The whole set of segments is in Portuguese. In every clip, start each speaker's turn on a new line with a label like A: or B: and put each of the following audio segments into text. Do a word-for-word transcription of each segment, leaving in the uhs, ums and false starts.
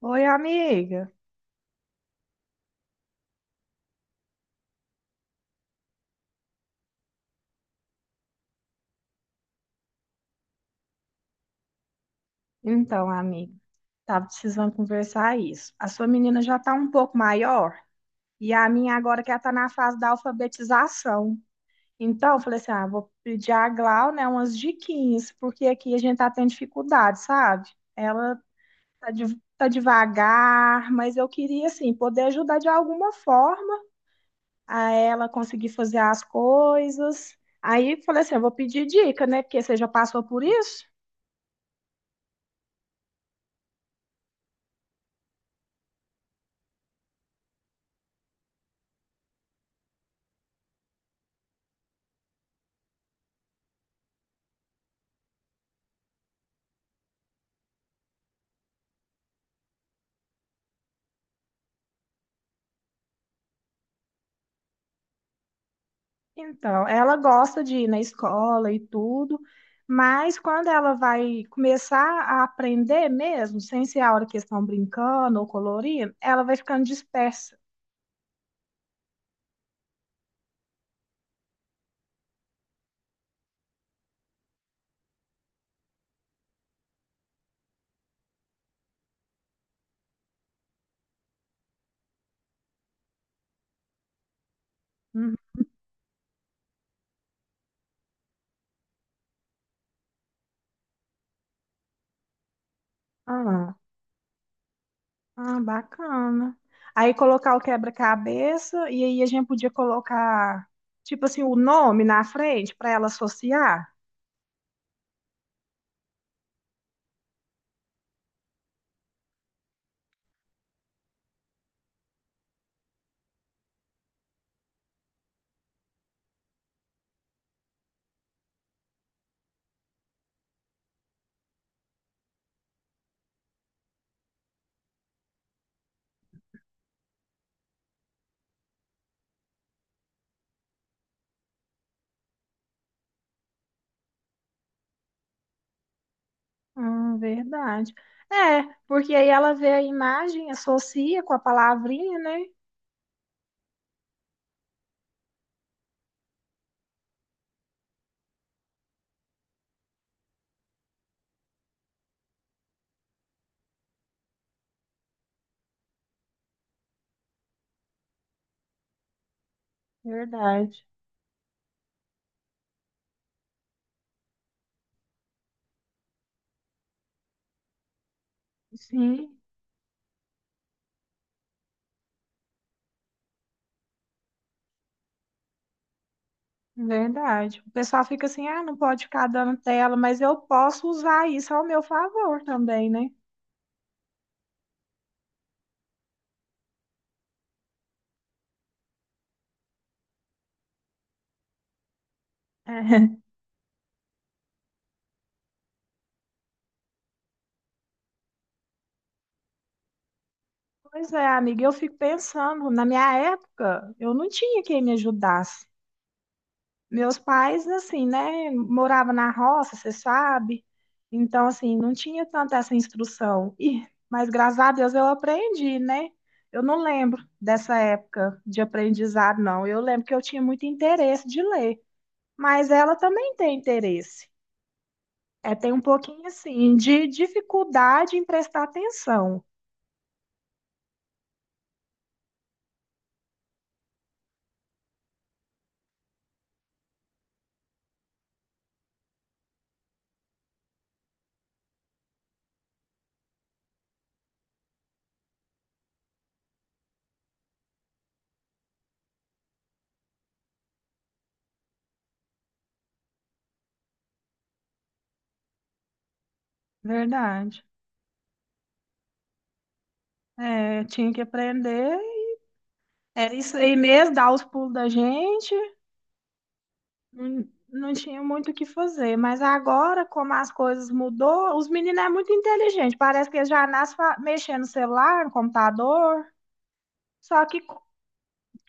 A: Oi, amiga. Então, amiga, tava precisando conversar isso. A sua menina já tá um pouco maior e a minha agora que ela tá na fase da alfabetização. Então, eu falei assim, ah, vou pedir a Glau, né, umas diquinhas, porque aqui a gente tá tendo dificuldade, sabe? Ela tá, de- tá devagar, mas eu queria, assim, poder ajudar de alguma forma a ela conseguir fazer as coisas. Aí, falei assim, eu vou pedir dica, né, porque você já passou por isso? Então, ela gosta de ir na escola e tudo, mas quando ela vai começar a aprender mesmo, sem ser a hora que eles estão brincando ou colorindo, ela vai ficando dispersa. Uhum. Ah, ah, bacana. Aí colocar o quebra-cabeça e aí a gente podia colocar, tipo assim, o nome na frente para ela associar. Hum, verdade. É, porque aí ela vê a imagem, associa com a palavrinha, né? Verdade. Sim, verdade. O pessoal fica assim, ah, não pode ficar dando tela, mas eu posso usar isso ao meu favor também, né? É. Pois é, amiga, eu fico pensando, na minha época, eu não tinha quem me ajudasse. Meus pais, assim, né, moravam na roça, você sabe? Então, assim, não tinha tanta essa instrução. E, mas graças a Deus eu aprendi, né? Eu não lembro dessa época de aprendizado, não. Eu lembro que eu tinha muito interesse de ler. Mas ela também tem interesse. É, tem um pouquinho assim de dificuldade em prestar atenção. Verdade. É, tinha que aprender. Era isso aí mesmo, dar os pulos da gente. Não, não tinha muito o que fazer. Mas agora, como as coisas mudou, os meninos é muito inteligente. Parece que eles já nascem fa- mexendo no celular, no computador. Só que co-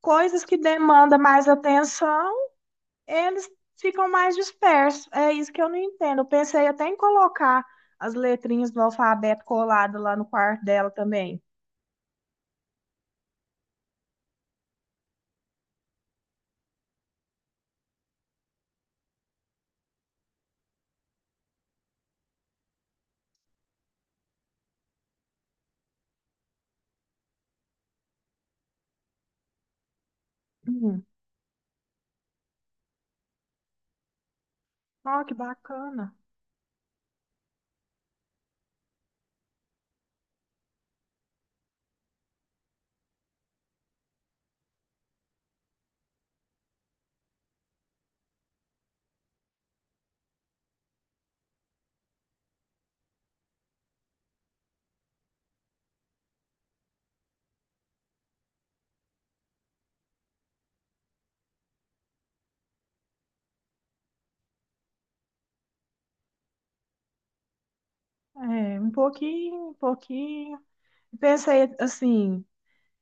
A: coisas que demandam mais atenção eles ficam mais dispersos. É isso que eu não entendo. Eu pensei até em colocar as letrinhas do alfabeto colado lá no quarto dela também. Hum. Ó, que bacana. É, um pouquinho, um pouquinho. Pensei assim,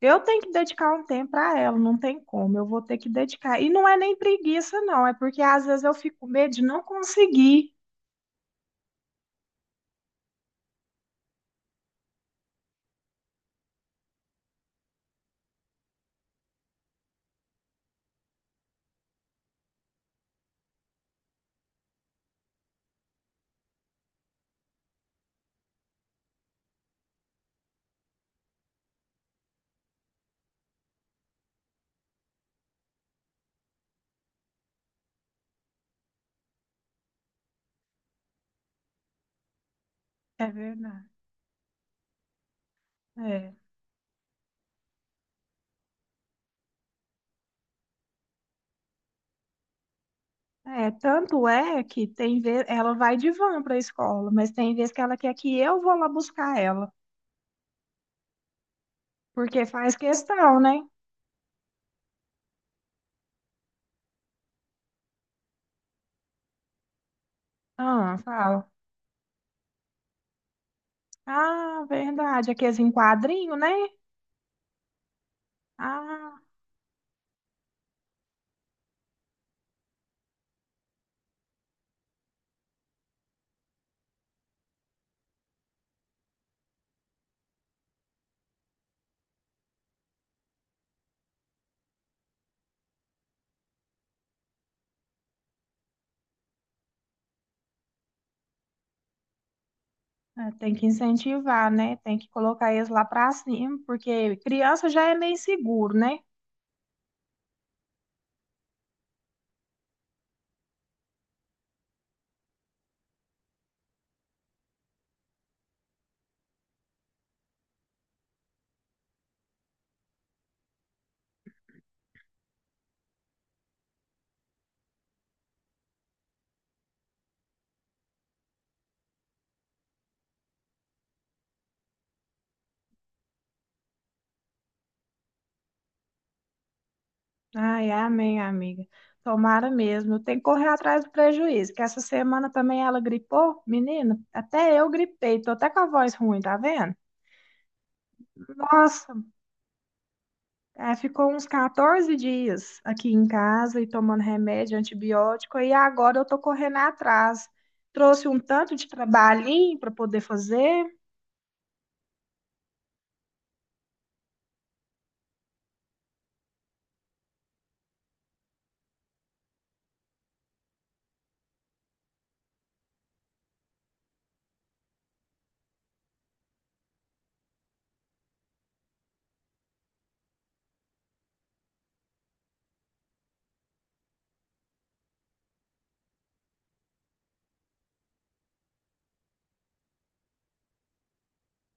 A: eu tenho que dedicar um tempo para ela, não tem como, eu vou ter que dedicar. E não é nem preguiça, não, é porque às vezes eu fico com medo de não conseguir. É verdade. É. É, tanto é que tem vez, ela vai de van para a escola, mas tem vez que ela quer que eu vou lá buscar ela, porque faz questão, né? Ah, fala. Ah, verdade, aqueles em quadrinho, né? Ah, é, tem que incentivar, né? Tem que colocar eles lá para cima, porque criança já é meio seguro, né? Ai, amém, amiga. Tomara mesmo. Tem que correr atrás do prejuízo, que essa semana também ela gripou, menina. Até eu gripei, tô até com a voz ruim, tá vendo? Nossa, ah, ficou uns quatorze dias aqui em casa e tomando remédio, antibiótico, e agora eu tô correndo atrás. Trouxe um tanto de trabalhinho para poder fazer.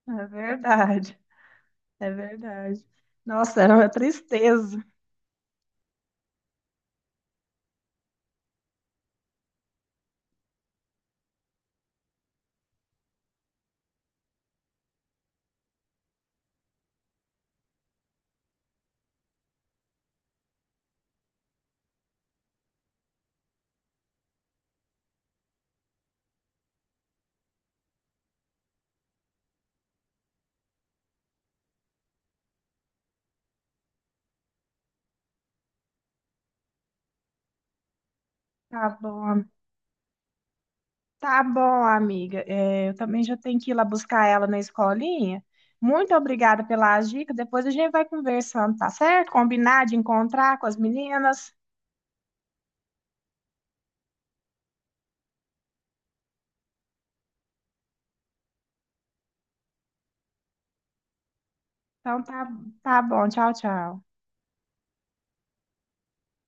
A: É verdade, é verdade. Nossa, é uma tristeza. Tá bom, tá bom, amiga. É, eu também já tenho que ir lá buscar ela na escolinha. Muito obrigada pela dica. Depois a gente vai conversando, tá certo? Combinar de encontrar com as meninas. Então tá, tá bom. Tchau, tchau.